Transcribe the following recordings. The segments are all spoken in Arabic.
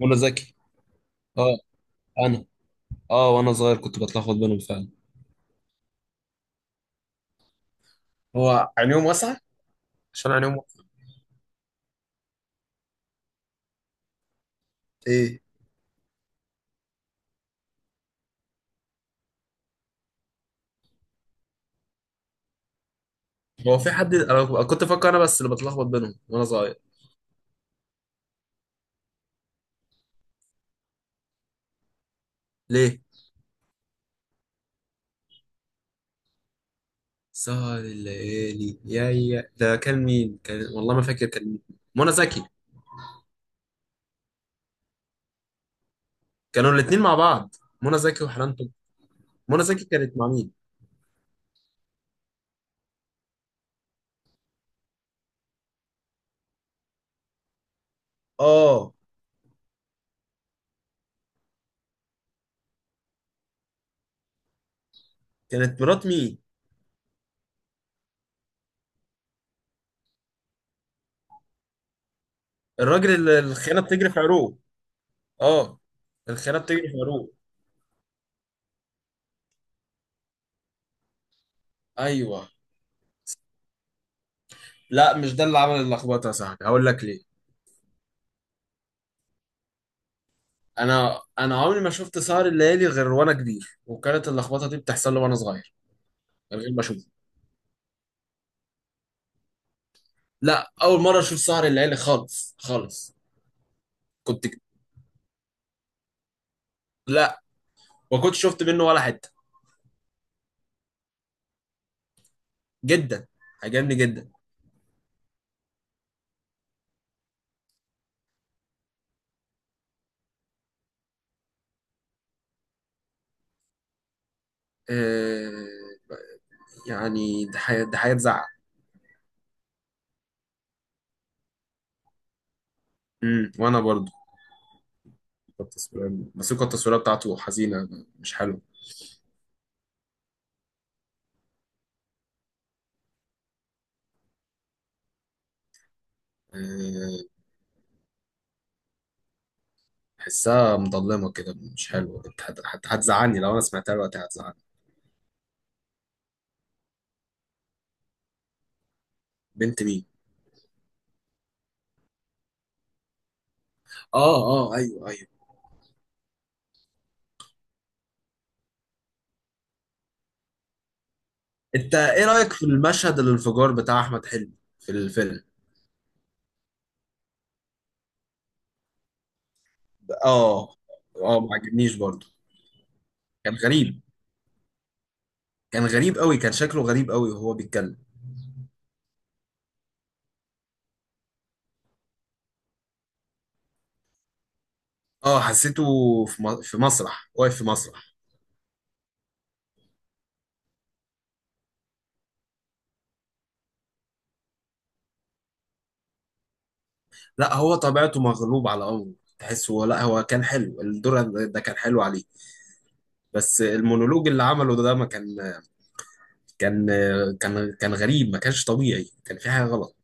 منى زكي. اه. انا اه وانا صغير كنت بتلخبط بينهم فعلا. هو عينيهم واسعة. عشان عينيهم واسعة. ايه. هو في حد؟ انا كنت فاكر انا بس اللي بتلخبط بينهم وانا صغير. ليه؟ سهر الليالي، يا ده كان مين؟ كان والله ما فاكر كان مين. منى زكي. كانوا الاتنين مع بعض. منى زكي وحنان ترك. منى زكي كانت مع مين؟ اه. كانت مرات مين؟ الراجل اللي الخيانة بتجري في عروق؟ اه. الخيانة بتجري في عروق. ايوه. لا مش ده اللي عمل اللخبطة يا صاحبي، هقول لك ليه. انا عمري ما شفت سهر الليالي غير وانا كبير، وكانت اللخبطه دي بتحصل لي وانا صغير، من غير ما اشوفه. لا، اول مره اشوف سهر الليالي خالص خالص. كنت ك- لا، ما كنتش شفت منه ولا حته. جدا. عجبني جدا. أه... يعني ده حاجه، تزعل. وانا برضو. التصوير موسيقى التصوير بتاعته حزينه، مش حلوه. أه... حسها مظلمه كده، مش حلوه. هتزعلني لو انا سمعتها دلوقتي، هتزعلني. بنت مين؟ اه، اه، ايوه، ايوه. انت ايه رأيك في المشهد الانفجار بتاع احمد حلمي في الفيلم؟ اه، اه، ما عجبنيش برضو. كان غريب. كان غريب قوي. كان شكله غريب قوي وهو بيتكلم. اه، حسيته في مسرح. واقف في مسرح. لا هو طبيعته مغلوب على امره، تحسه. لا هو كان حلو، الدور ده كان حلو عليه. بس المونولوج اللي عمله ده ما كان، كان كان غريب. ما كانش طبيعي، كان في حاجة غلط.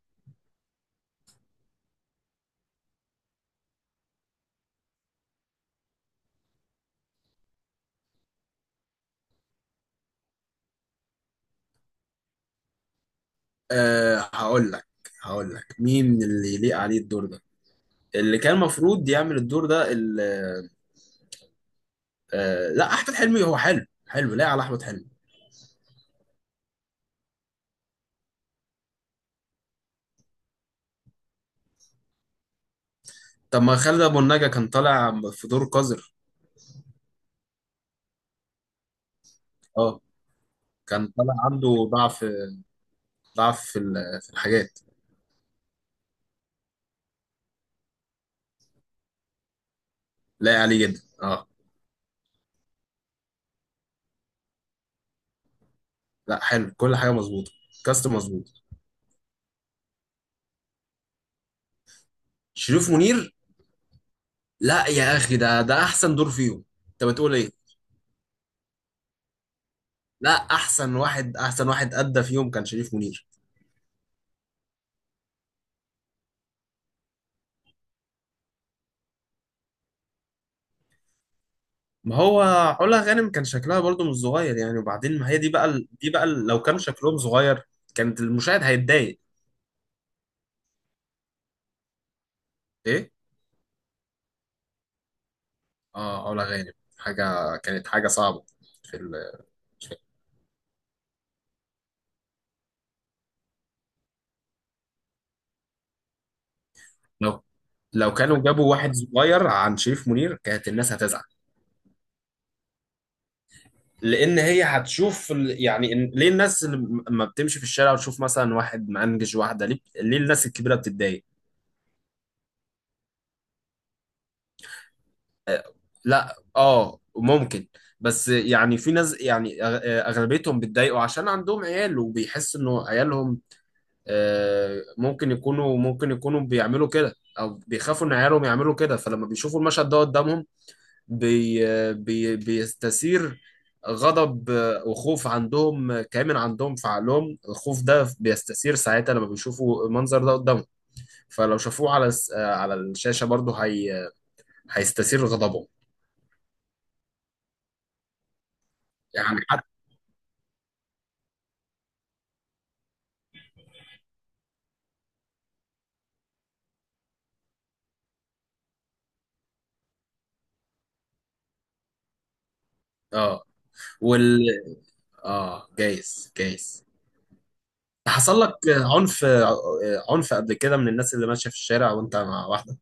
أه، هقول لك مين اللي يليق عليه الدور ده، اللي كان المفروض يعمل الدور ده لا، احمد حلمي هو حلو، حلو، لا على احمد حلمي. طب ما خالد ابو النجا كان طالع في دور قذر. اه، كان طالع عنده ضعف، ضعف في في الحاجات. لا عليه جدا، اه. لا، حلو، كل حاجه مظبوطه. كاست مظبوط. شريف منير. لا يا اخي، ده احسن دور فيهم. انت بتقول ايه؟ لا، احسن واحد ادى فيهم كان شريف منير. ما هو علا غانم كان شكلها برضو مش صغير يعني. وبعدين ما هي لو كان شكلهم صغير كانت المشاهد هيتضايق. ايه. اه، علا غانم. كانت حاجه صعبه في لو لو كانوا جابوا واحد صغير عن شريف منير، كانت الناس هتزعل. لان هي هتشوف يعني ليه الناس لما بتمشي في الشارع وتشوف مثلا واحد مأنجج واحده؟ ليه الناس الكبيره بتتضايق؟ لا، اه، ممكن. بس يعني في ناس، يعني، اغلبيتهم بيتضايقوا عشان عندهم عيال، وبيحس انه عيالهم. آه، ممكن يكونوا، بيعملوا كده، او بيخافوا ان عيالهم يعملوا كده. فلما بيشوفوا المشهد ده قدامهم، بي بي بيستثير غضب، وخوف عندهم، كامن عندهم في عقلهم. الخوف ده بيستثير ساعتها لما بيشوفوا المنظر ده قدامهم. فلو شافوه على على الشاشة برضه، هي هيستثير غضبهم. يعني حتى. اه. وال اه جايز، جايز. حصل لك عنف، عنف قبل كده من الناس اللي ماشيه في الشارع وانت مع واحده؟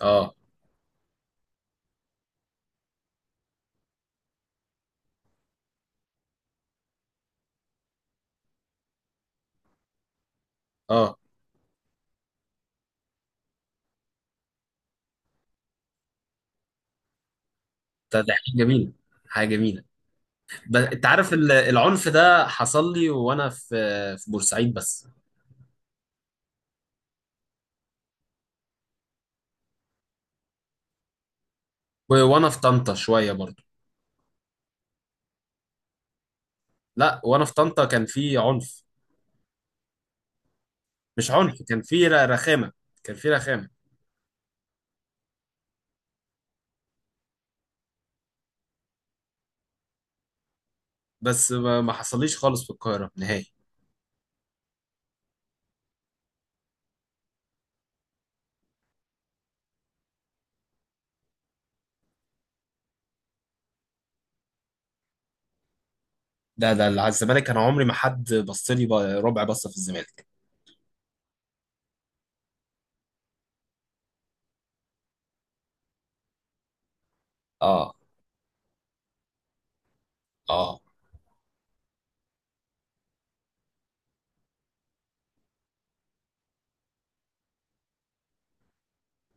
اه، اه. ده حاجه جميله، حاجه جميله. بس انت عارف، العنف ده حصل لي وانا في بورسعيد بس. وانا في طنطا شويه برضو. لا وانا في طنطا كان في عنف. مش عنف، كان في رخامه، كان في رخامه. بس ما حصليش خالص في القاهره نهائي. ده اللي على الزمالك، انا عمري ما حد بص لي ربع بصه في الزمالك. اه، اه،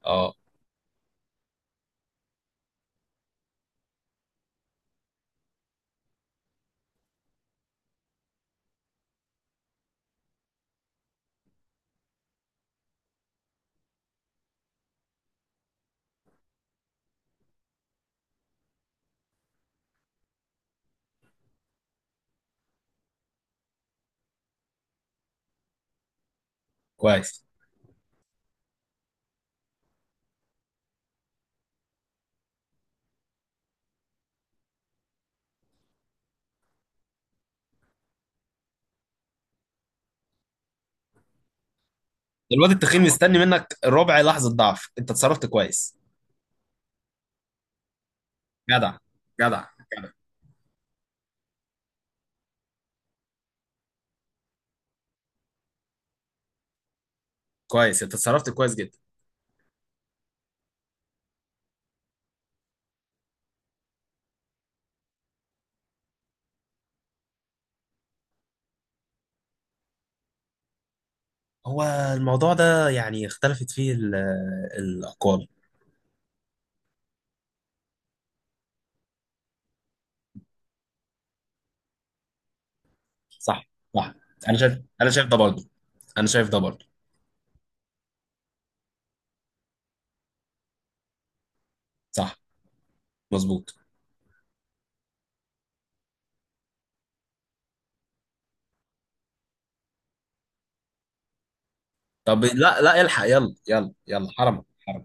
اه، كويس. الواد التخين مستني منك ربع لحظة ضعف، انت اتصرفت كويس. جدع. جدع. جدع. كويس، انت اتصرفت كويس جدا. هو الموضوع ده يعني اختلفت فيه الأقوال. صح، صح. انا شايف ده برضه. انا شايف ده برضه. صح، مظبوط. طب لا، لا، الحق، يلا يلا يلا. حرام. حرام.